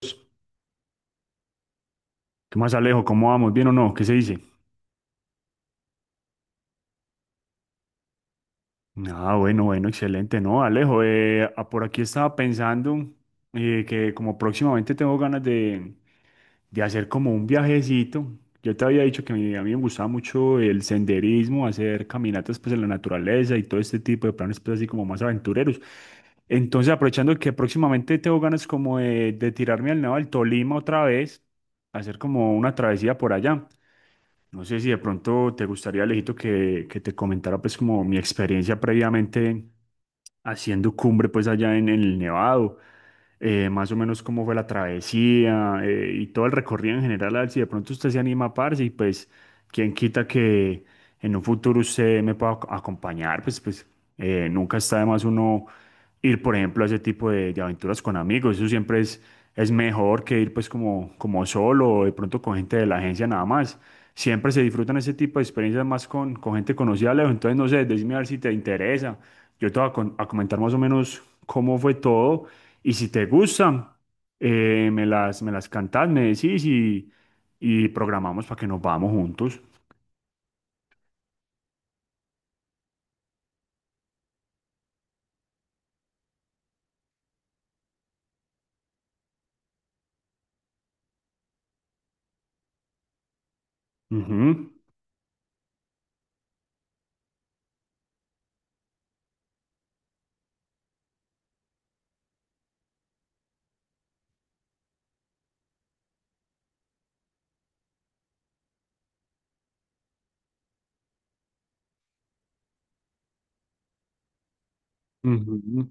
¿Qué más, Alejo? ¿Cómo vamos? ¿Bien o no? ¿Qué se dice? Ah, bueno, bueno, excelente. No, Alejo, por aquí estaba pensando que como próximamente tengo ganas de hacer como un viajecito. Yo te había dicho que a mí me gustaba mucho el senderismo, hacer caminatas pues en la naturaleza y todo este tipo de planes pues así como más aventureros. Entonces, aprovechando que próximamente tengo ganas como de tirarme al lado del Tolima otra vez, hacer como una travesía por allá. No sé si de pronto te gustaría, Alejito, que te comentara pues como mi experiencia previamente haciendo cumbre pues allá en el Nevado, más o menos cómo fue la travesía, y todo el recorrido en general, a ver si de pronto usted se anima a parce y pues quién quita que en un futuro usted me pueda acompañar, pues nunca está de más uno ir, por ejemplo, a ese tipo de aventuras con amigos, eso siempre es mejor que ir pues como, como solo o de pronto con gente de la agencia nada más. Siempre se disfrutan ese tipo de experiencias más con gente conocida, Leo. Entonces, no sé, decime a ver si te interesa. Yo te voy a comentar más o menos cómo fue todo y si te gustan, me las cantás, me decís y programamos para que nos vamos juntos. Ujú, ujú,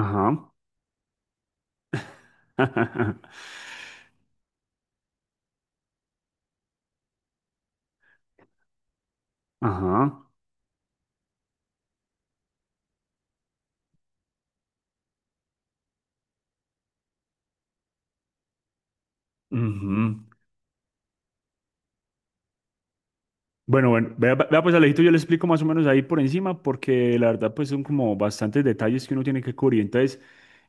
ajá. Ajá. Ujú. Bueno, bueno, vea, vea pues Alejito, yo le explico más o menos ahí por encima, porque la verdad pues son como bastantes detalles que uno tiene que cubrir. Entonces,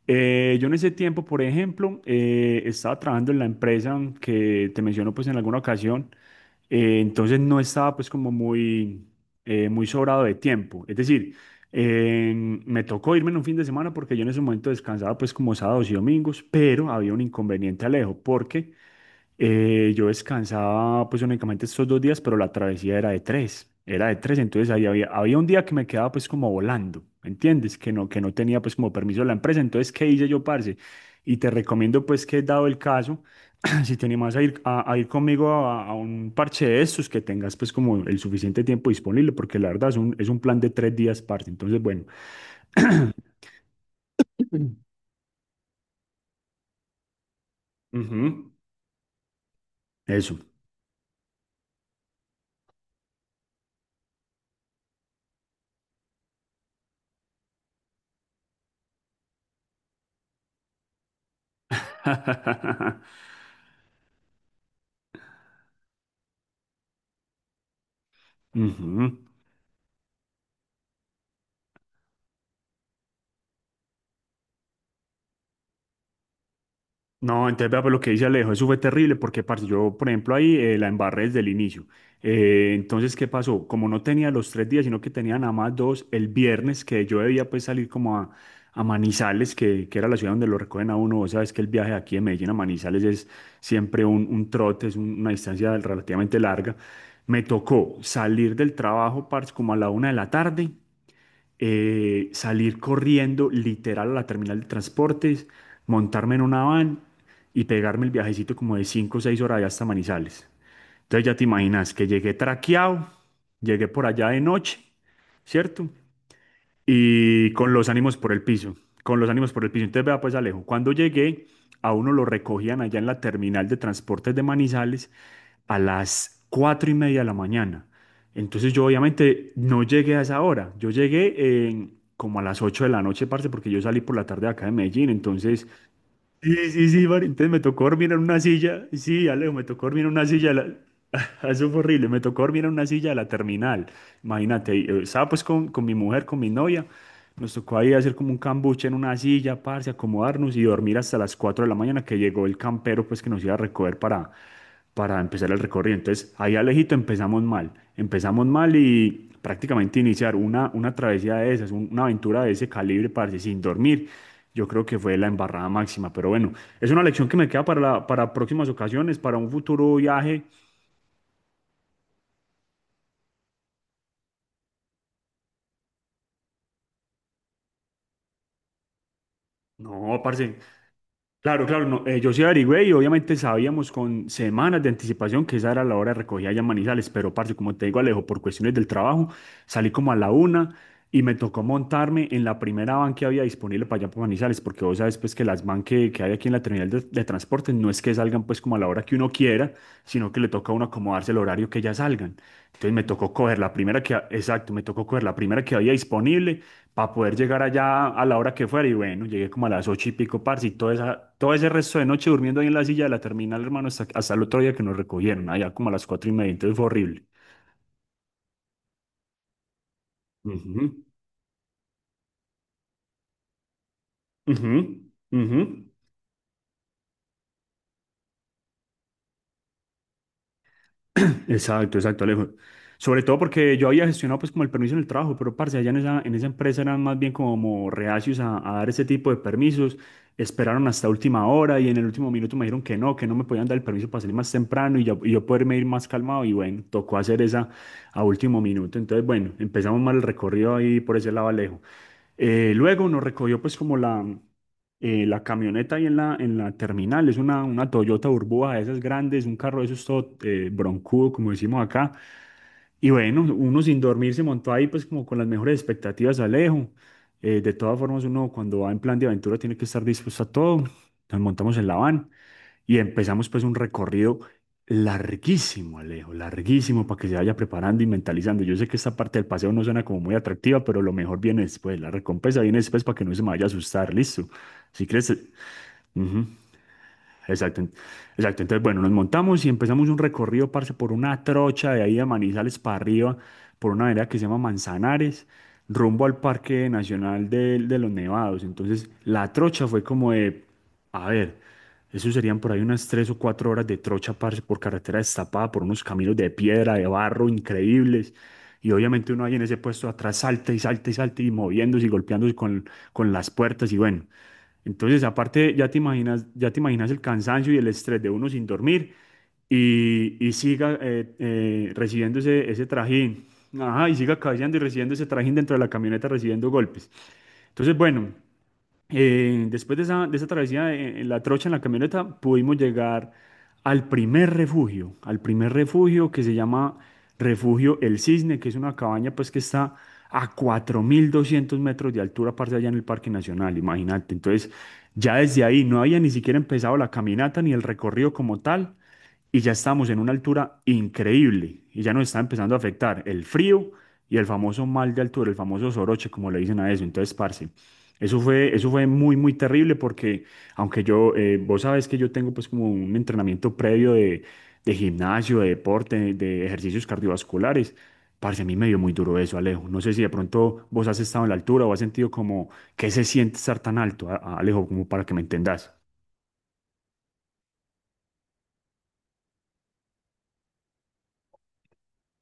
yo en ese tiempo, por ejemplo, estaba trabajando en la empresa que te menciono pues en alguna ocasión, entonces no estaba pues como muy, muy sobrado de tiempo. Es decir, eh, me tocó irme en un fin de semana porque yo en ese momento descansaba pues como sábados y domingos, pero había un inconveniente, Alejo, porque... yo descansaba pues únicamente estos 2 días, pero la travesía era de tres, entonces ahí había un día que me quedaba pues como volando, ¿me entiendes? Que no tenía pues como permiso de la empresa, entonces ¿qué hice yo, parce? Y te recomiendo pues que dado el caso, si te animas a ir, a ir conmigo a un parche de estos, que tengas pues como el suficiente tiempo disponible, porque la verdad es un plan de 3 días, parce, entonces bueno. Ujú. Eso. Ujú. No, entonces vea pues lo que dice Alejo, eso fue terrible porque, parce, yo, por ejemplo, ahí la embarré desde el inicio. Entonces, ¿qué pasó? Como no tenía los 3 días, sino que tenía nada más dos, el viernes que yo debía pues salir como a Manizales, que era la ciudad donde lo recogen a uno, vos sabes que el viaje de aquí de Medellín a Manizales es siempre un trote, es un- una distancia relativamente larga. Me tocó salir del trabajo, parce, como a la 1 de la tarde, salir corriendo literal a la terminal de transportes, montarme en una van y pegarme el viajecito como de 5 o 6 horas allá hasta Manizales. Entonces ya te imaginas que llegué traqueado, llegué por allá de noche, ¿cierto? Y con los ánimos por el piso, con los ánimos por el piso. Entonces, vea pues Alejo, cuando llegué, a uno lo recogían allá en la terminal de transportes de Manizales a las 4:30 de la mañana. Entonces yo obviamente no llegué a esa hora, yo llegué como a las 8 de la noche, parce, porque yo salí por la tarde de acá de Medellín, entonces, sí, sí, sí, parce, entonces me tocó dormir en una silla, sí, Alejo, me tocó dormir en una silla, eso fue horrible, me tocó dormir en una silla de la terminal, imagínate, y, estaba pues con mi mujer, con mi novia, nos tocó ahí hacer como un cambuche en una silla, parce, acomodarnos y dormir hasta las 4 de la mañana que llegó el campero, pues que nos iba a recoger para empezar el recorrido. Entonces, ahí Alejito empezamos mal. Empezamos mal y prácticamente iniciar una travesía de esas, un- una aventura de ese calibre, parce, sin dormir. Yo creo que fue la embarrada máxima, pero bueno, es una lección que me queda para, para próximas ocasiones, para un futuro viaje. No, parce. Claro, claro, no, yo sí averigüé y obviamente sabíamos con semanas de anticipación que esa era la hora de recogida allá en Manizales, pero parce, como te digo Alejo, por cuestiones del trabajo salí como a la 1 y me tocó montarme en la primera van que había disponible para allá por Manizales, porque vos sabes pues que las van que hay aquí en la terminal de transporte no es que salgan pues como a la hora que uno quiera, sino que le toca a uno acomodarse el horario que ya salgan. Entonces me tocó coger la primera exacto, me tocó coger la primera que había disponible para poder llegar allá a la hora que fuera. Y bueno, llegué como a las 8 y pico, parce, y toda esa, todo ese resto de noche durmiendo ahí en la silla de la terminal, hermano, hasta el otro día que nos recogieron, allá como a las 4:30, entonces fue horrible. Ujú, ujú, ujú. Exacto, exacto, Alejo. Sobre todo porque yo había gestionado pues como el permiso en el trabajo, pero parce, allá en esa, empresa eran más bien como reacios a dar ese tipo de permisos. Esperaron hasta última hora y en el último minuto me dijeron que no, me podían dar el permiso para salir más temprano y yo poderme ir más calmado. Y bueno, tocó hacer esa a último minuto. Entonces, bueno, empezamos mal el recorrido ahí por ese lado, Alejo. Luego nos recogió pues como la camioneta ahí en la, terminal, es una Toyota Urboa de esas grandes, un carro de esos todo broncudo, como decimos acá. Y bueno, uno sin dormir se montó ahí pues como con las mejores expectativas, Alejo. De todas formas, uno cuando va en plan de aventura tiene que estar dispuesto a todo. Nos montamos en la van y empezamos pues un recorrido larguísimo, Alejo, larguísimo para que se vaya preparando y mentalizando. Yo sé que esta parte del paseo no suena como muy atractiva, pero lo mejor viene después, la recompensa viene después para que no se me vaya a asustar, listo. Si crees, ujú. Exacto, exacto. Entonces, bueno, nos montamos y empezamos un recorrido, parce, por una trocha de ahí de Manizales para arriba, por una vereda que se llama Manzanares, rumbo al Parque Nacional de los Nevados. Entonces, la trocha fue como de, a ver, eso serían por ahí unas 3 o 4 horas de trocha, parce, por carretera destapada, por unos caminos de piedra, de barro increíbles. Y obviamente uno ahí en ese puesto atrás salta y salta y salta y moviéndose y golpeándose con las puertas y bueno. Entonces, aparte, ya te imaginas el cansancio y el estrés de uno sin dormir y siga recibiendo ese trajín. Ajá, y siga cabeceando y recibiendo ese trajín dentro de la camioneta, recibiendo golpes. Entonces, bueno. Después de esa travesía en la trocha, en la camioneta, pudimos llegar al primer refugio que se llama Refugio El Cisne, que es una cabaña pues que está a 4200 metros de altura, parce, allá en el Parque Nacional, imagínate. Entonces, ya desde ahí no había ni siquiera empezado la caminata ni el recorrido como tal, y ya estamos en una altura increíble, y ya nos está empezando a afectar el frío y el famoso mal de altura, el famoso soroche, como le dicen a eso. Entonces, parce. Eso fue muy, muy terrible porque, aunque yo, vos sabes que yo tengo pues como un entrenamiento previo de gimnasio, de deporte, de ejercicios cardiovasculares, parce, a mí me dio muy duro eso, Alejo. No sé si de pronto vos has estado en la altura o has sentido como que se siente estar tan alto, Alejo, como para que me entendas.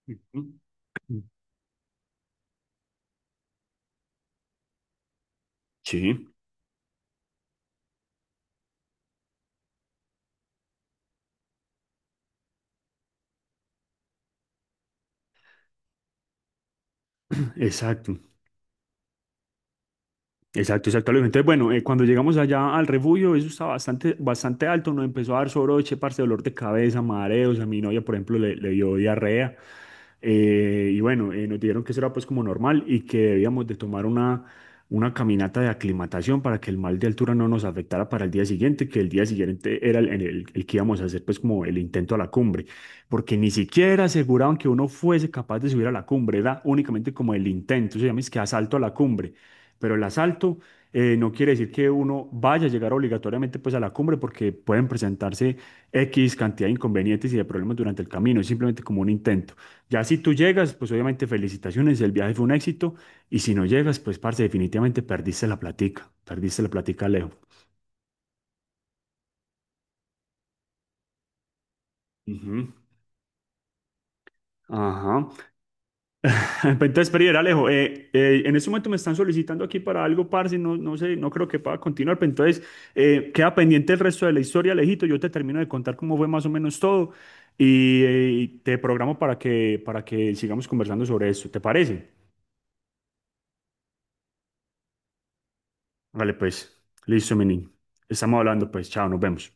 Ujú. Sí. Exacto. Exacto, exacto. Alejo. Entonces, bueno, cuando llegamos allá al refugio, eso estaba bastante, bastante alto, nos empezó a dar soroche, parce, dolor de cabeza, mareos, a mi novia, por ejemplo, le dio diarrea. Y bueno, nos dijeron que eso era pues como normal y que debíamos de tomar una caminata de aclimatación para que el mal de altura no nos afectara para el día siguiente, que el día siguiente era el que íbamos a hacer pues como el intento a la cumbre, porque ni siquiera aseguraban que uno fuese capaz de subir a la cumbre, era únicamente como el intento, se llama es que asalto a la cumbre, pero el asalto, no quiere decir que uno vaya a llegar obligatoriamente pues a la cumbre porque pueden presentarse X cantidad de inconvenientes y de problemas durante el camino, es simplemente como un intento. Ya si tú llegas, pues obviamente felicitaciones, el viaje fue un éxito y si no llegas, pues parce, definitivamente perdiste la platica, Leo. Ujú. Ajá. Entonces, Perider, Alejo, en este momento me están solicitando aquí para algo, parce, no, no sé, no creo que pueda continuar, pero entonces queda pendiente el resto de la historia, Alejito, yo te termino de contar cómo fue más o menos todo y te programo para que sigamos conversando sobre esto, ¿te parece? Vale, pues, listo, mi niño, estamos hablando, pues, chao, nos vemos.